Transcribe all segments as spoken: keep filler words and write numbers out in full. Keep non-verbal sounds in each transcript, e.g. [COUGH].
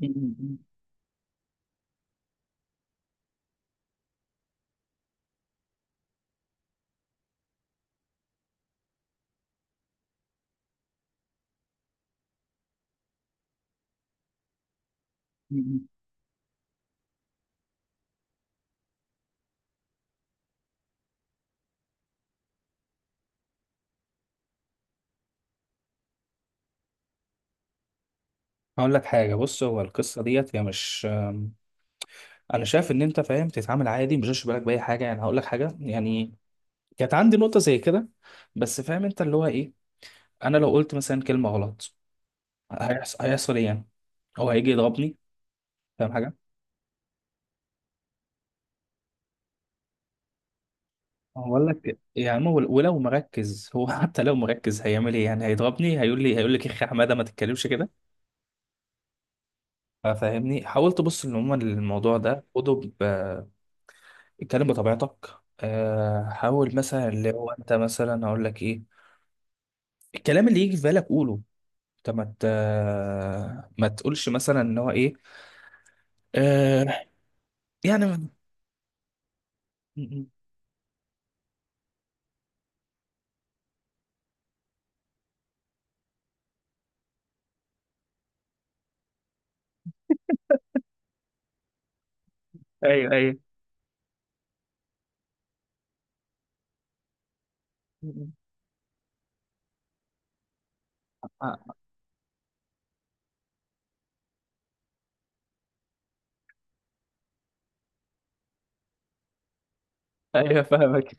مم. مم. هقول لك حاجه، بص، هو القصه ديت هي مش أم، انا شايف ان انت فاهم تتعامل عادي، مش هشبه بالك باي حاجه. يعني هقول لك حاجه، يعني كانت عندي نقطه زي كده، بس فاهم انت اللي هو ايه. انا لو قلت مثلا كلمه غلط، هيحصل هيحصل ايه يعني؟ هو هيجي يضربني؟ فاهم حاجه؟ هقول لك، يعني هو ولو مركز، هو [LAUGHS] حتى لو مركز هيعمل ايه يعني؟ هيضربني؟ هيقول لي هيقول لك يا اخي حماده ما تتكلمش كده. فاهمني؟ حاولت ابص ان عموما الموضوع ده خده، اتكلم بطبيعتك. آه، حاول مثلا اللي هو انت مثلا هقول لك ايه، الكلام اللي يجي في بالك قوله. انت ما ت- ما تقولش مثلا ان هو ايه. آه، يعني م- م- ايوه ايوه. آه، ايوه فاهمك.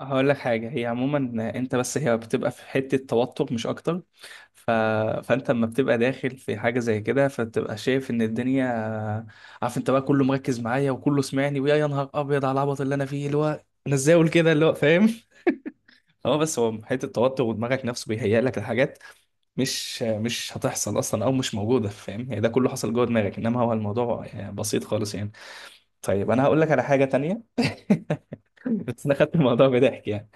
هقول لك حاجه، هي عموما انت بس هي بتبقى في حته توتر مش اكتر. ف... فانت لما بتبقى داخل في حاجه زي كده فبتبقى شايف ان الدنيا، عارف انت بقى، كله مركز معايا وكله سمعني، ويا يا نهار ابيض على العبط اللي انا فيه، اللي هو انا ازاي اقول كده اللي هو فاهم. اه، بس هو حته التوتر ودماغك نفسه بيهيأ لك الحاجات، مش مش هتحصل اصلا او مش موجوده. فاهم يعني؟ ده كله حصل جوه دماغك، انما هو الموضوع يعني بسيط خالص يعني. طيب انا هقول لك على حاجه تانية. [LAUGHS] بس انا خدت الموضوع بضحك يعني.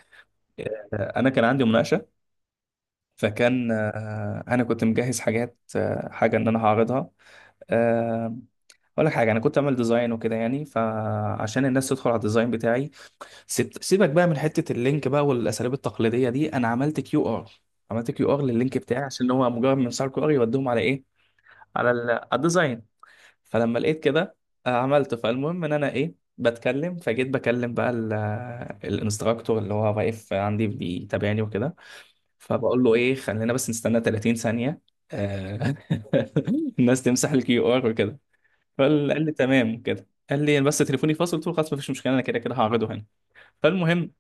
آه، انا كان عندي مناقشه. فكان آه، انا كنت مجهز حاجات، آه، حاجه ان انا هعرضها. آه، اقول لك حاجه، انا كنت اعمل ديزاين وكده يعني. فعشان الناس تدخل على الديزاين بتاعي، سيب- سيبك بقى من حته اللينك بقى والاساليب التقليديه دي، انا عملت كيو ار. عملت كيو ار لللينك بتاعي عشان هو مجرد من صار كيو ار يوديهم على ايه، على ال- على الديزاين. فلما لقيت كده، آه، عملته. فالمهم ان انا ايه بتكلم، فجيت بكلم بقى ال- آه، الانستراكتور اللي هو واقف عندي بيتابعني وكده. فبقول له ايه، خلينا بس نستنى ثلاثين ثانية ثانيه. آه، [LAUGHS] الناس تمسح الكيو ار وكده. فقال لي تمام كده، قال لي بس تليفوني فاصل. قلت له خلاص مفيش مشكله، انا كده كده هعرضه هنا. فالمهم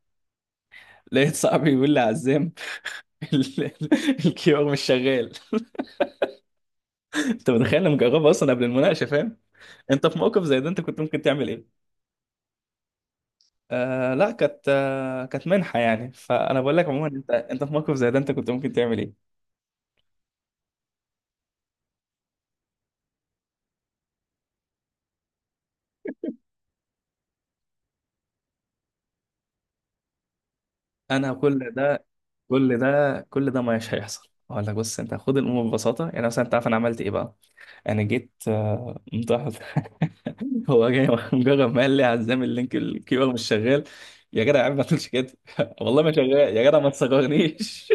لقيت صاحبي بيقول لي عزام، [LAUGHS] ال- ال- الكيور مش شغال. [LAUGHS] انت متخيل؟ انا مجربها اصلا قبل المناقشه، فاهم؟ انت في موقف زي ده انت كنت ممكن تعمل ايه؟ آه لا، كانت آه كانت منحه يعني. فانا بقول لك عموما، انت انت في موقف زي ده انت كنت ممكن تعمل ايه؟ انا كل ده كل ده كل ده مش هيحصل. اقول لك، بص انت خد الامور ببساطه. يعني مثلا انت عارف انا عملت ايه بقى؟ انا جيت آه متأخر. [LAUGHS] هو جاي، مجرد ما قال لي عزام اللينك الكيبر مش شغال، يا جدع يا عم ما تقولش كده. [LAUGHS] والله ما شغال يا جدع ما تصغرنيش.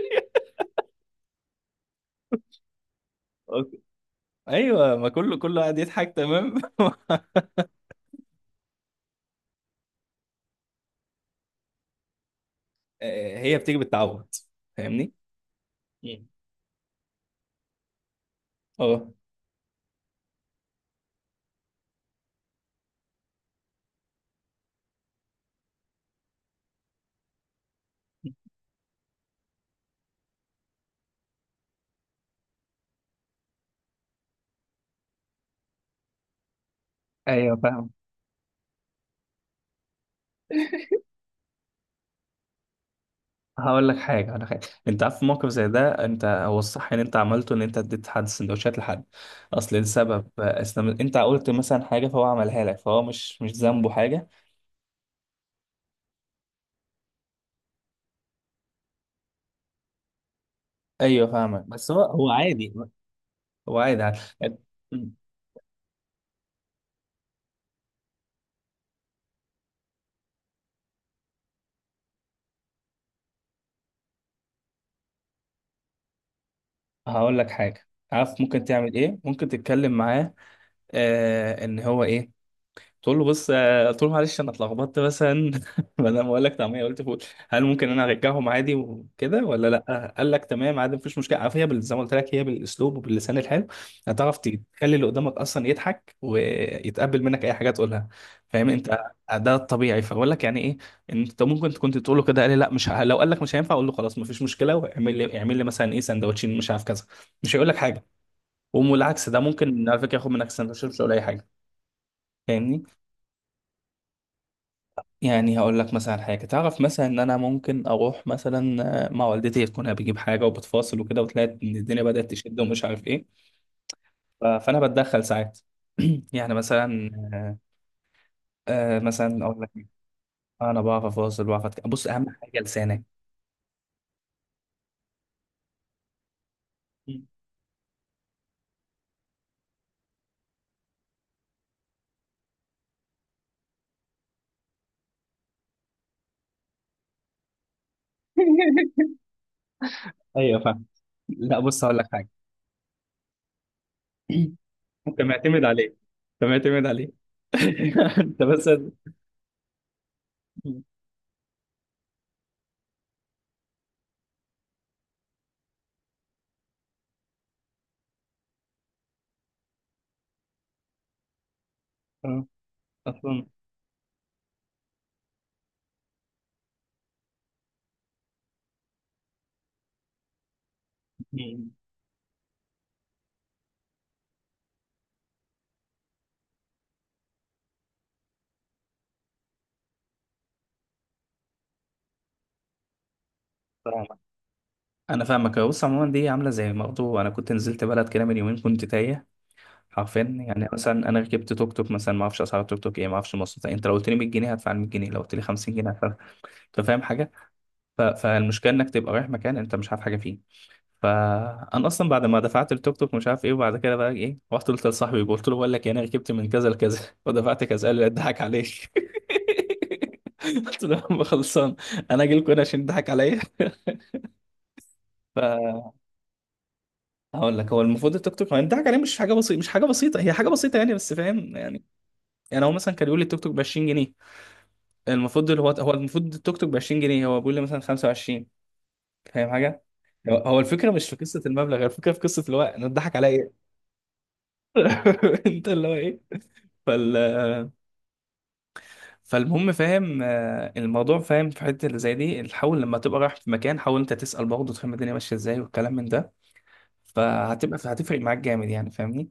[LAUGHS] أوكي. ايوه، ما كله كله قاعد يضحك تمام. [LAUGHS] آه، هي بتيجي بالتعود. فاهمني؟ مم. اه. ايوه فاهم. هقول لك حاجه هقول لك حاجه انت عارف، في موقف زي ده انت هو الصح ان انت عملته، ان انت اديت حد سندوتشات لحد. اصل لسبب، أصل انت قلت مثلا حاجه فهو عملها لك، فهو مش مش ذنبه حاجه. ايوه فاهمك، بس هو هو عادي. هو عادي عادي. هقول لك حاجة، عارف ممكن تعمل ايه؟ ممكن تتكلم معاه، آه ان هو ايه، قلت له بص، آه، قلت له معلش انا اتلخبطت مثلا، [LAUGHS] بدل ما اقول لك طعميه قلت فول. هل ممكن انا ارجعهم عادي وكده ولا لا؟ قال لك تمام عادي مفيش مشكله. عارف، هي بال- زي ما قلت لك، هي بالاسلوب وباللسان الحلو هتعرف تخلي اللي قدامك اصلا يضحك ويتقبل منك اي حاجه تقولها. فاهم انت؟ ده الطبيعي. فبقول لك يعني ايه، انت ممكن كنت تقول له كده، قال لي لا مش ه... لو قال لك مش هينفع اقول له خلاص مفيش مشكله، واعمل لي اعمل لي مثلا ايه سندوتشين مش عارف كذا. مش هيقول لك حاجه. والعكس ده ممكن على فكره ياخد منك سندوتشين مش هيقول اي حاجه. فاهمني؟ يعني هقول لك مثلا حاجه، تعرف مثلا ان انا ممكن اروح مثلا آه، مع والدتي تكون بجيب حاجه وبتفاصل وكده، وتلاقي ان الدنيا بدات تشد ومش عارف ايه. ف- فانا بتدخل ساعات. [CLEARS THROAT] يعني مثلا، آه، آه، مثلا اقول لك إيه؟ انا بعرف افاصل، بعرف أتك... بص اهم حاجه لسانك. [LAUGHS] ايوه فاهم. لا بص، هقول لك حاجه. [CLEARS THROAT] انت معتمد عليه، انت معتمد عليه. [LAUGHS] انت بس آه، اصلا. انا فاهمك. بص عموما دي عامله زي برضه انا كنت نزلت بلد كده من يومين، كنت تايه حرفيا. يعني مثلا انا ركبت توك توك مثلا، ما اعرفش اسعار التوك توك ايه، ما اعرفش مواصلات إيه. انت لو قلت لي ميت جنيه هدفع ميت جنيه، لو قلت لي خمسين جنيه هدفع. انت فاهم حاجه؟ ف... فالمشكله انك تبقى رايح مكان انت مش عارف حاجه فيه. فانا اصلا بعد ما دفعت التوك توك مش عارف ايه، وبعد كده بقى ايه رحت قلت لصاحبي، قلت له بقول لك يعني انا ركبت من كذا لكذا [LAUGHS] ودفعت كذا. قال لي اضحك عليك. [LAUGHS] قلت له يا عم خلصان، انا اجي لكم هنا عشان تضحك عليا؟ [LAUGHS] هقول لك، هو المفروض التيك توك، ما الضحك عليه مش حاجه بسيطه، مش حاجه بسيطه هي حاجه بسيطه يعني، بس فاهم يعني. يعني هو مثلا كان بيقول لي التيك توك ب عشرين جنيه، المفروض اللي هو هو المفروض التيك توك ب عشرين جنيه، هو بيقول لي مثلا خمسة وعشرين. فاهم حاجه؟ هو هو الفكره مش في قصه المبلغ، هي الفكره في قصه اللي هو انا اتضحك عليا ايه. [LAUGHS] انت اللي هو ايه. فال فالمهم فاهم آه، الموضوع. فاهم في حته اللي زي دي، حاول لما تبقى رايح في مكان حاول انت تسال برضه تفهم الدنيا ماشيه ازاي والكلام من ده. فهتبقى هتفرق معاك جامد يعني. فاهمني؟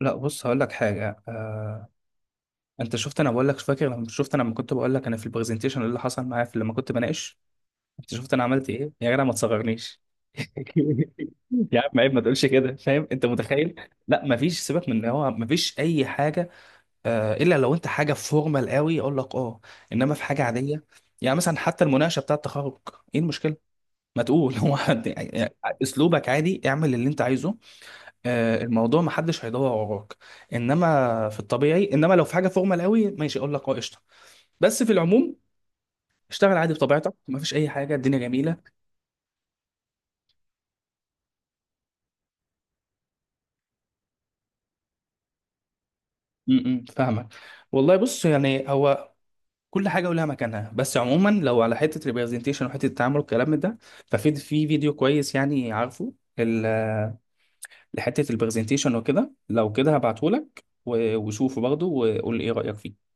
لا بص، هقول لك حاجه. آه، انت شفت انا بقول لك، فاكر لما شفت انا لما كنت بقول لك انا في البرزنتيشن اللي حصل معايا، في لما كنت بناقش، انت شفت انا عملت ايه؟ يا جدع ما تصغرنيش. [LAUGHS] يا عم عيب ما تقولش كده. فاهم انت؟ متخيل؟ لا ما فيش، سيبك من ان هو ما فيش اي حاجه. آه الا لو انت حاجه فورمال قوي اقول لك اه، انما في حاجه عاديه. يعني مثلا حتى المناقشه بتاعه التخرج، ايه المشكله؟ ما تقول، [LAUGHS] هو حد يعني؟ اسلوبك عادي، اعمل اللي انت عايزه. آه، الموضوع ما حدش هيدور وراك. انما في الطبيعي، انما لو في حاجه فورمال قوي ماشي اقول لك اه قشطه. بس في العموم اشتغل عادي بطبيعتك، ما فيش اي حاجه، الدنيا جميله. امم فاهمك. والله بص، يعني هو كل حاجه ولها مكانها، بس عموما لو على حته ريبرزنتيشن وحته التعامل والكلام من ده، ففي في فيديو كويس يعني، عارفه، ال- لحته البرزنتيشن وكده. لو كده هبعته لك، وشوفه برضه وقول لي ايه رايك فيه.